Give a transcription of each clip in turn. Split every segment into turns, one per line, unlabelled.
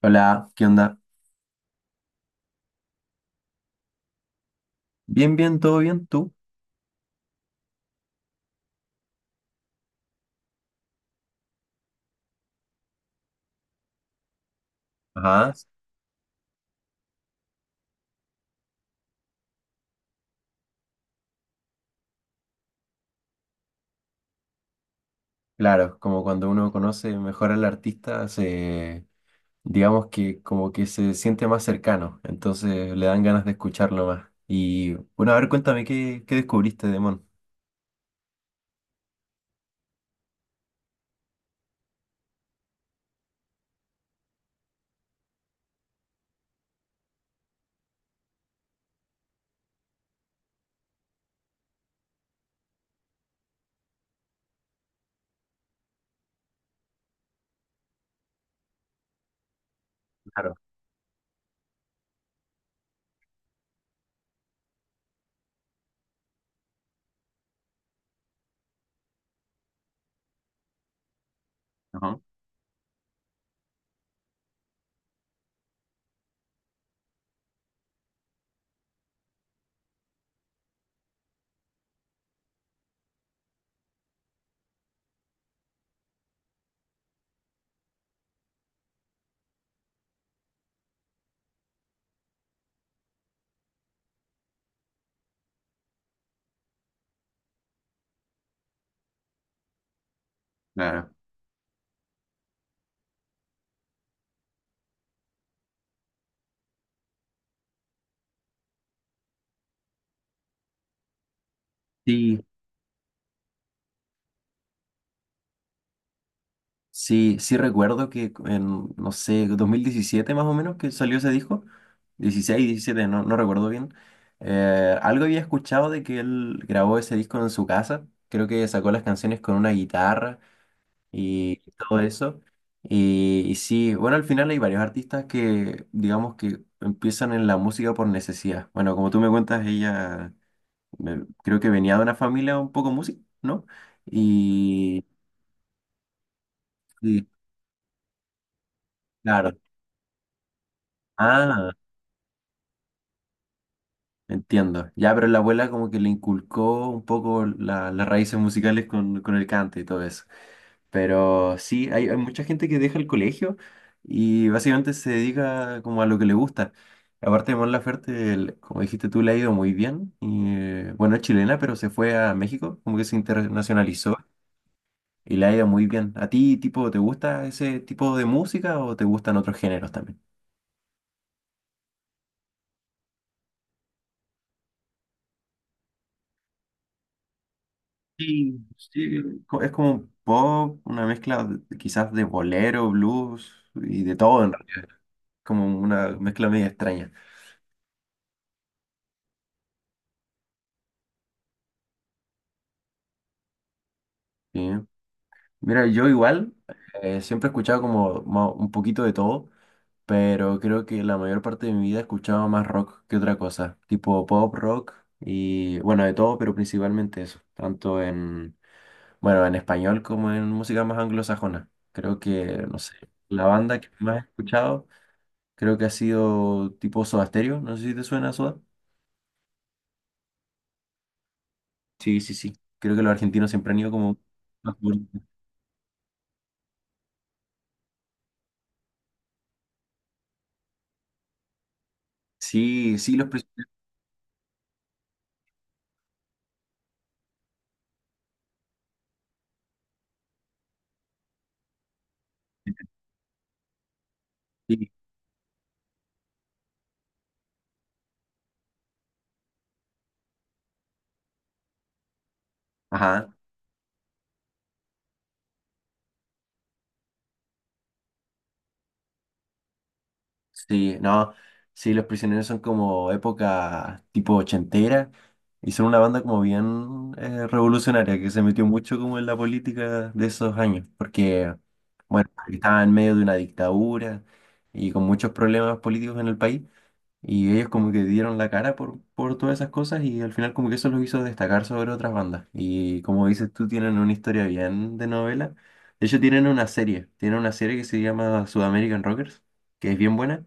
Hola, ¿qué onda? Bien, bien, todo bien, ¿tú? Ajá. Claro, como cuando uno conoce mejor al artista, digamos que como que se siente más cercano, entonces le dan ganas de escucharlo más. Y bueno, a ver, cuéntame, ¿ qué descubriste de Mon? Claro, ajá, claro. Sí. Sí, sí recuerdo que no sé, 2017 más o menos que salió ese disco, 2016 2017 no recuerdo bien. Algo había escuchado de que él grabó ese disco en su casa, creo que sacó las canciones con una guitarra y todo eso. Y sí, bueno, al final hay varios artistas que, digamos que empiezan en la música por necesidad. Bueno, como tú me cuentas, ella creo que venía de una familia un poco música, ¿no? Y, y claro. Ah. Entiendo. Ya, pero la abuela como que le inculcó un poco las raíces musicales con el cante y todo eso. Pero sí, hay mucha gente que deja el colegio y básicamente se dedica como a lo que le gusta. Aparte de Mon Laferte, como dijiste tú, le ha ido muy bien. Y, bueno, es chilena, pero se fue a México, como que se internacionalizó y le ha ido muy bien. ¿A ti, tipo, te gusta ese tipo de música o te gustan otros géneros también? Sí, sí, es como un pop, una mezcla de quizás de bolero, blues y de todo en realidad. Como una mezcla media extraña. Sí. Mira, yo igual siempre he escuchado como un poquito de todo, pero creo que la mayor parte de mi vida he escuchado más rock que otra cosa, tipo pop, rock y bueno, de todo, pero principalmente eso, tanto bueno, en español como en música más anglosajona. Creo que, no sé, la banda que más he escuchado. Creo que ha sido tipo Soda Stereo. No sé si te suena Soda. Sí, sí, sí. Creo que los argentinos siempre han ido como... más por- Sí, sí, los prisioneros. Sí. Ajá, sí, no. Sí, los prisioneros son como época tipo ochentera y son una banda como bien revolucionaria que se metió mucho como en la política de esos años porque, bueno, estaba en medio de una dictadura y con muchos problemas políticos en el país. Y ellos como que dieron la cara por todas esas cosas y al final como que eso los hizo destacar sobre otras bandas. Y como dices tú, tienen una historia bien de novela. De hecho, tienen una serie que se llama Sudamerican Rockers, que es bien buena,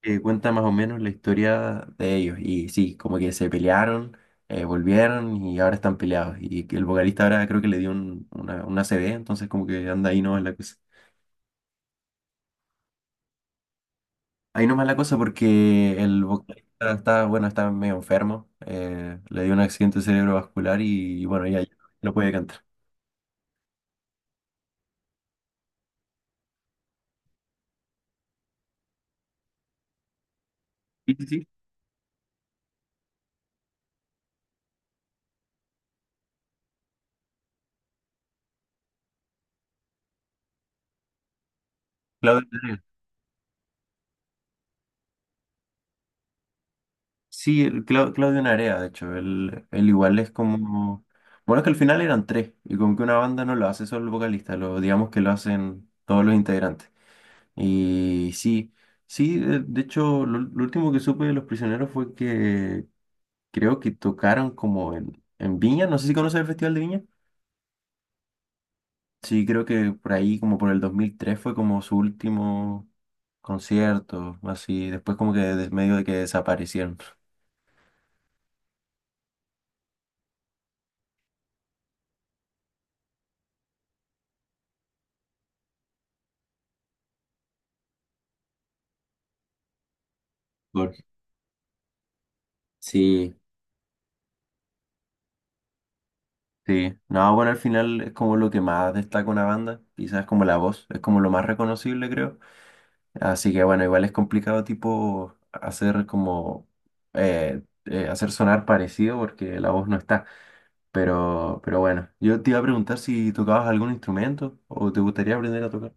que cuenta más o menos la historia de ellos. Y sí, como que se pelearon, volvieron y ahora están peleados. Y que el vocalista ahora creo que le dio una ACV entonces como que anda ahí no es la cosa. Ahí nomás la cosa porque el vocalista está, bueno, está medio enfermo. Le dio un accidente cerebrovascular y, bueno, ya, ya no puede cantar. Sí, sí, sí. Claudio Narea. Sí, el Claudio Narea, de hecho. Él igual es como. Bueno, es que al final eran tres. Y como que una banda no lo hace solo el vocalista, lo, digamos que lo hacen todos los integrantes. Y sí, sí, de hecho, lo último que supe de Los Prisioneros fue que creo que tocaron como en Viña. No sé si conoces el Festival de Viña. Sí, creo que por ahí, como por el 2003 fue como su último concierto, así. Después como que medio de que desaparecieron. Por- Sí, sí. No, bueno, al final es como lo que más destaca una banda, quizás como la voz, es como lo más reconocible, creo. Así que bueno, igual es complicado tipo hacer como, hacer sonar parecido porque la voz no está. Pero bueno, yo te iba a preguntar si tocabas algún instrumento o te gustaría aprender a tocar.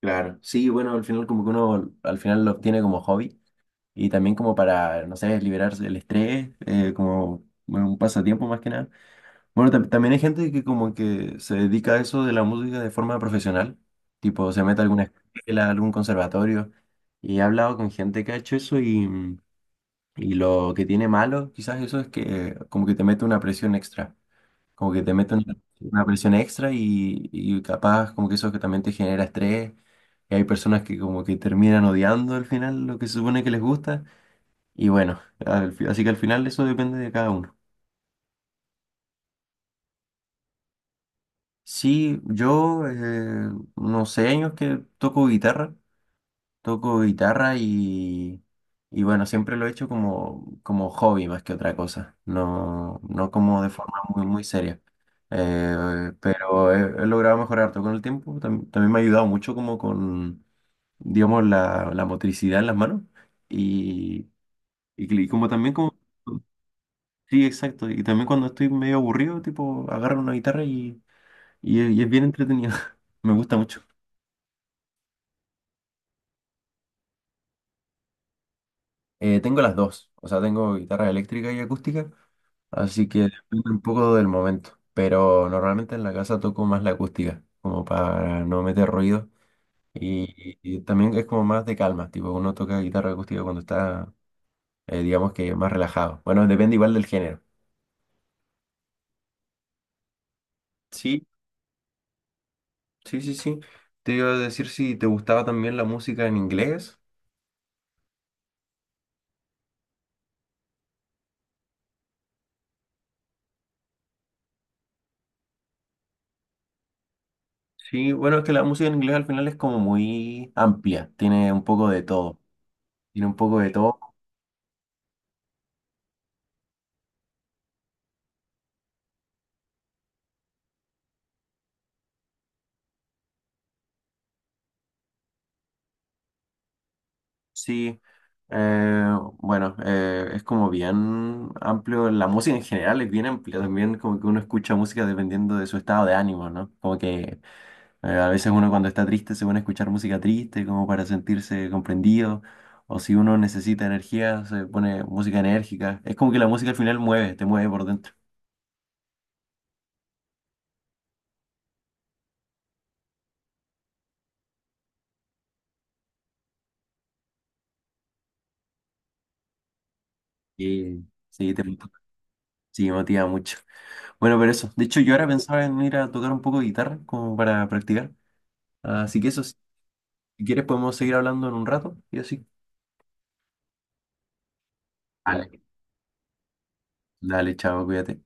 Claro, sí, bueno, al final como que uno al final lo obtiene como hobby y también como para, no sé, liberarse del estrés, como bueno, un pasatiempo más que nada. Bueno, también hay gente que como que se dedica a eso de la música de forma profesional, tipo se mete a alguna escuela, algún conservatorio y he hablado con gente que ha hecho eso y lo que tiene malo quizás eso es que como que te mete una presión extra. Como que te meten una presión extra y capaz como que eso que también te genera estrés. Y hay personas que como que terminan odiando al final lo que se supone que les gusta. Y bueno, así que al final eso depende de cada uno. Sí, yo unos 6 años que toco guitarra. Toco guitarra y, y bueno, siempre lo he hecho como, como hobby más que otra cosa, no, no como de forma muy, muy seria. Pero he, he logrado mejorar todo con el tiempo, también me ha ayudado mucho como con, digamos, la motricidad en las manos y, y como también como... Sí, exacto, y también cuando estoy medio aburrido, tipo, agarro una guitarra y es bien entretenido, me gusta mucho. Tengo las dos, o sea, tengo guitarra eléctrica y acústica. Así que depende un poco del momento. Pero normalmente en la casa toco más la acústica, como para no meter ruido. Y también es como más de calma, tipo uno toca guitarra acústica cuando está, digamos que más relajado. Bueno, depende igual del género. Sí, sí, sí, sí. Te iba a decir si te gustaba también la música en inglés. Sí, bueno, es que la música en inglés al final es como muy amplia, tiene un poco de todo. Tiene un poco de todo. Sí, bueno, es como bien amplio, la música en general es bien amplia, también como que uno escucha música dependiendo de su estado de ánimo, ¿no? Como que a veces uno cuando está triste se pone a escuchar música triste como para sentirse comprendido, o si uno necesita energía se pone música enérgica, es como que la música al final mueve, te mueve por dentro. Sí, sí, te, sí, motiva mucho. Bueno, pero eso, de hecho yo ahora pensaba en ir a tocar un poco de guitarra como para practicar, así que eso. Sí. Si quieres podemos seguir hablando en un rato y así. Dale, dale, chao, cuídate.